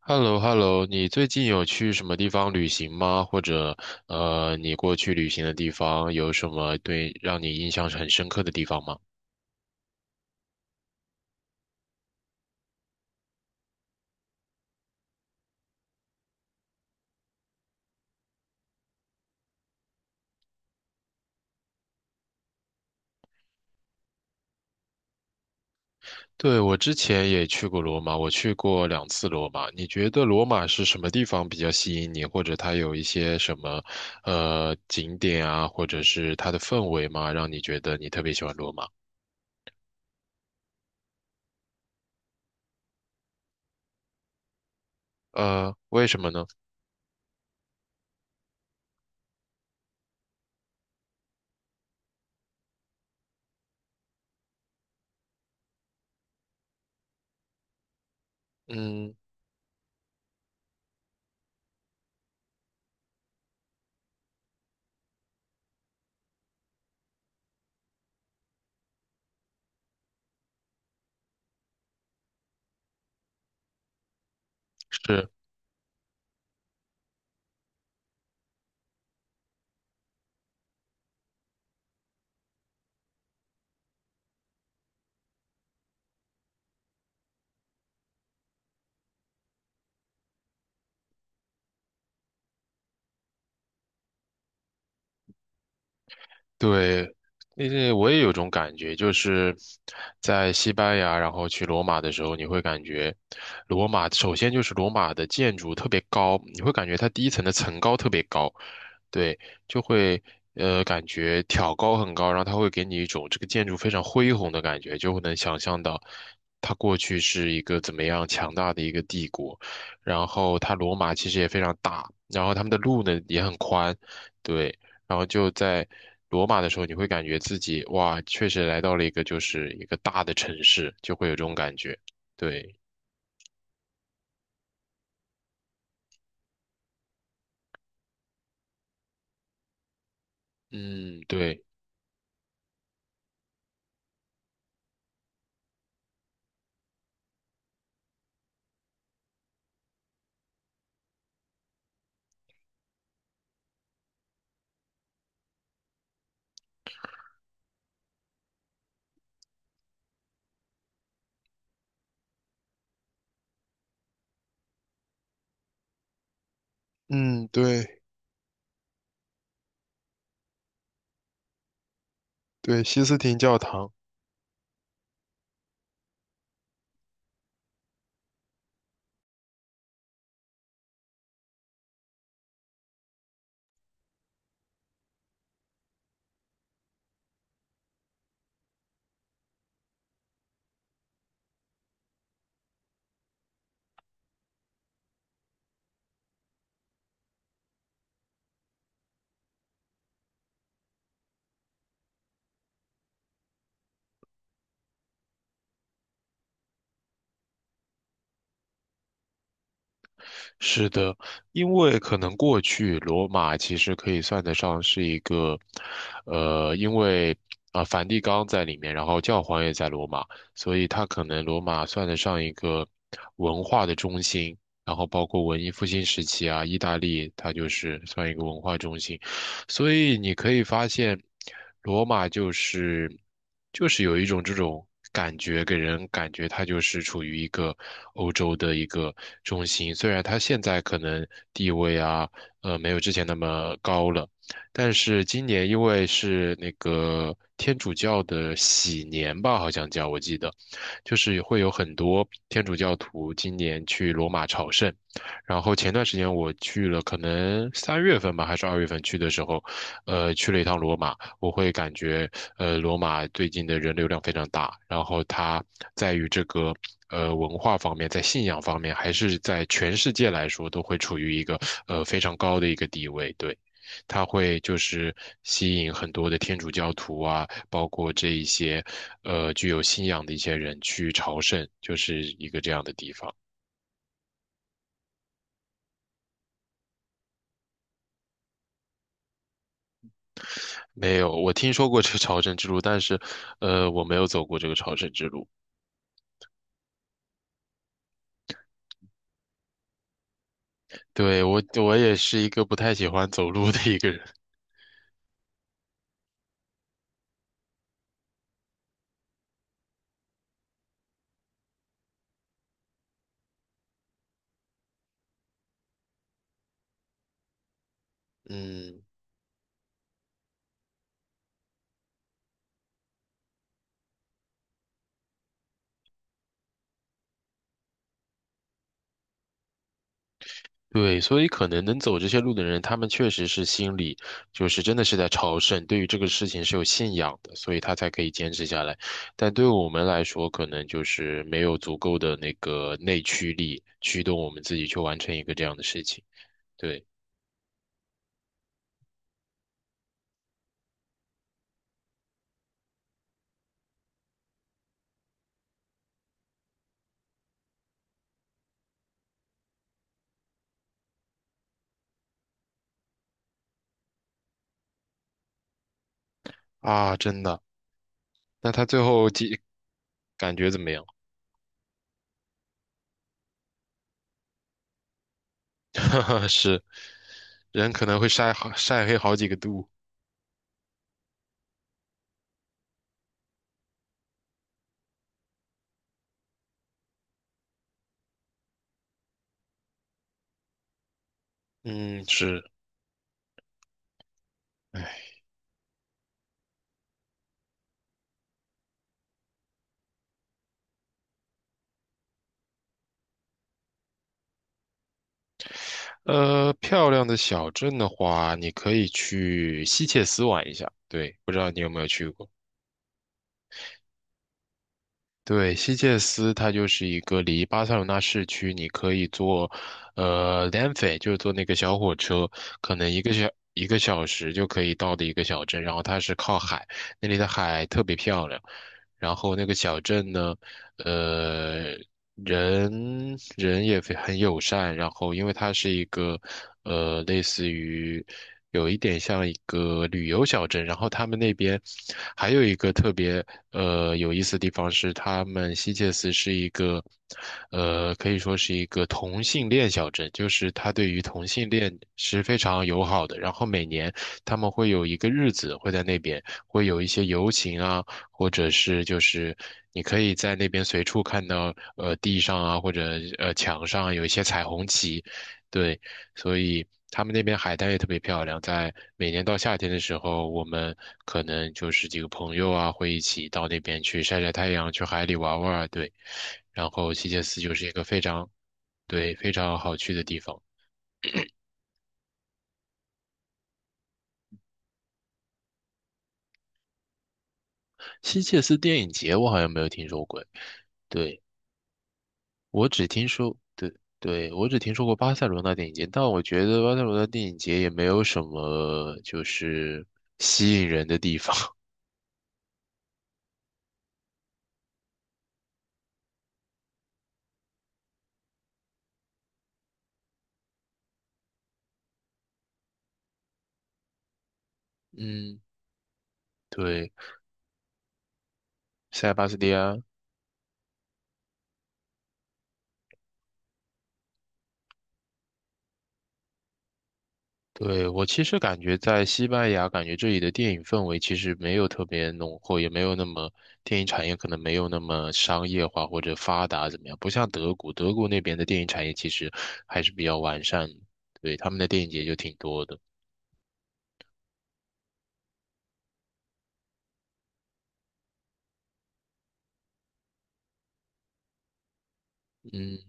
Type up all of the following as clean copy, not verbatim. h e l l o h e l l o 你最近有去什么地方旅行吗？或者，你过去旅行的地方有什么对让你印象很深刻的地方吗？对，我之前也去过罗马，我去过两次罗马。你觉得罗马是什么地方比较吸引你，或者它有一些什么，景点啊，或者是它的氛围吗，让你觉得你特别喜欢罗马？呃，为什么呢？嗯，是。对，那为我也有种感觉，就是在西班牙，然后去罗马的时候，你会感觉罗马首先就是罗马的建筑特别高，你会感觉它第一层的层高特别高，对，就会感觉挑高很高，然后它会给你一种这个建筑非常恢宏的感觉，就会能想象到它过去是一个怎么样强大的一个帝国，然后它罗马其实也非常大，然后他们的路呢也很宽，对，然后就在罗马的时候，你会感觉自己哇，确实来到了一个就是一个大的城市，就会有这种感觉，对，嗯，对。嗯，对对，西斯廷教堂。是的，因为可能过去罗马其实可以算得上是一个，因为啊、梵蒂冈在里面，然后教皇也在罗马，所以它可能罗马算得上一个文化的中心，然后包括文艺复兴时期啊，意大利它就是算一个文化中心。所以你可以发现，罗马就是有一种这种感觉，给人感觉它就是处于一个欧洲的一个中心。虽然它现在可能地位啊，没有之前那么高了，但是今年因为是那个天主教的喜年吧，好像叫我记得，就是会有很多天主教徒今年去罗马朝圣。然后前段时间我去了，可能三月份吧，还是二月份去的时候，去了一趟罗马，我会感觉，罗马最近的人流量非常大，然后它在于这个。文化方面，在信仰方面，还是在全世界来说，都会处于一个非常高的一个地位。对，它会就是吸引很多的天主教徒啊，包括这一些具有信仰的一些人去朝圣，就是一个这样的地方。没有，我听说过这个朝圣之路，但是，我没有走过这个朝圣之路。对，我也是一个不太喜欢走路的一个人。嗯，对，所以可能能走这些路的人，他们确实是心里就是真的是在朝圣，对于这个事情是有信仰的，所以他才可以坚持下来。但对我们来说，可能就是没有足够的那个内驱力驱动我们自己去完成一个这样的事情。对，啊，真的。那他最后几感觉怎么样？是，人可能会晒好晒黑好几个度。嗯，是。哎，漂亮的小镇的话，你可以去西切斯玩一下。对，不知道你有没有去过？对，西切斯它就是一个离巴塞罗那市区，你可以坐，呃 l e n f e 就是坐那个小火车，可能一个小时就可以到的一个小镇。然后它是靠海，那里的海特别漂亮，然后那个小镇呢，呃，人人也非很友善，然后因为它是一个，类似于有一点像一个旅游小镇，然后他们那边还有一个特别有意思的地方是，他们希切斯是一个，可以说是一个同性恋小镇，就是它对于同性恋是非常友好的，然后每年他们会有一个日子会在那边会有一些游行啊。或者是就是你可以在那边随处看到，地上啊或者墙上啊有一些彩虹旗，对，所以他们那边海滩也特别漂亮。在每年到夏天的时候，我们可能就是几个朋友啊会一起到那边去晒晒太阳，去海里玩玩儿，对。然后希切斯就是一个非常，对，非常好去的地方。希切斯电影节我好像没有听说过，对。我只听说，对对，我只听说过巴塞罗那电影节，但我觉得巴塞罗那电影节也没有什么就是吸引人的地方。嗯，对，塞巴斯蒂安，对，我其实感觉在西班牙，感觉这里的电影氛围其实没有特别浓厚，也没有那么电影产业可能没有那么商业化或者发达怎么样，不像德国，德国那边的电影产业其实还是比较完善的，对，他们的电影节就挺多的。嗯，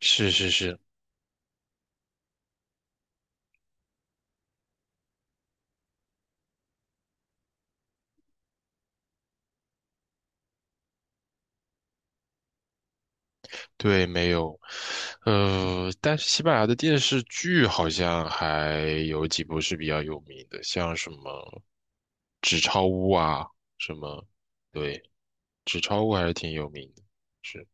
是是是，对，没有，但是西班牙的电视剧好像还有几部是比较有名的，像什么《纸钞屋》啊，什么，对，《纸钞屋》还是挺有名的。是，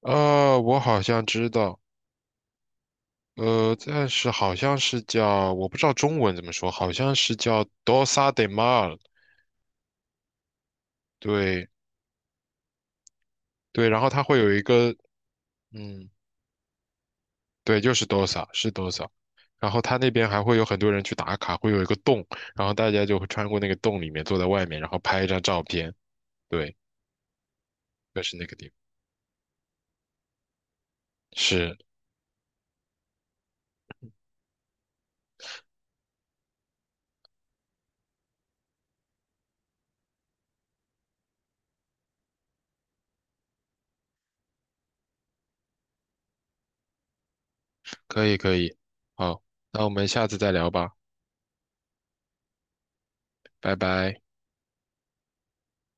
我好像知道，但是好像是叫，我不知道中文怎么说，好像是叫《Dosa de Mar》。对对，然后它会有一个，嗯，对，就是多少是多少，然后他那边还会有很多人去打卡，会有一个洞，然后大家就会穿过那个洞里面，坐在外面，然后拍一张照片。对，就是那个地方。是，可以，可以。好，那我们下次再聊吧，拜拜。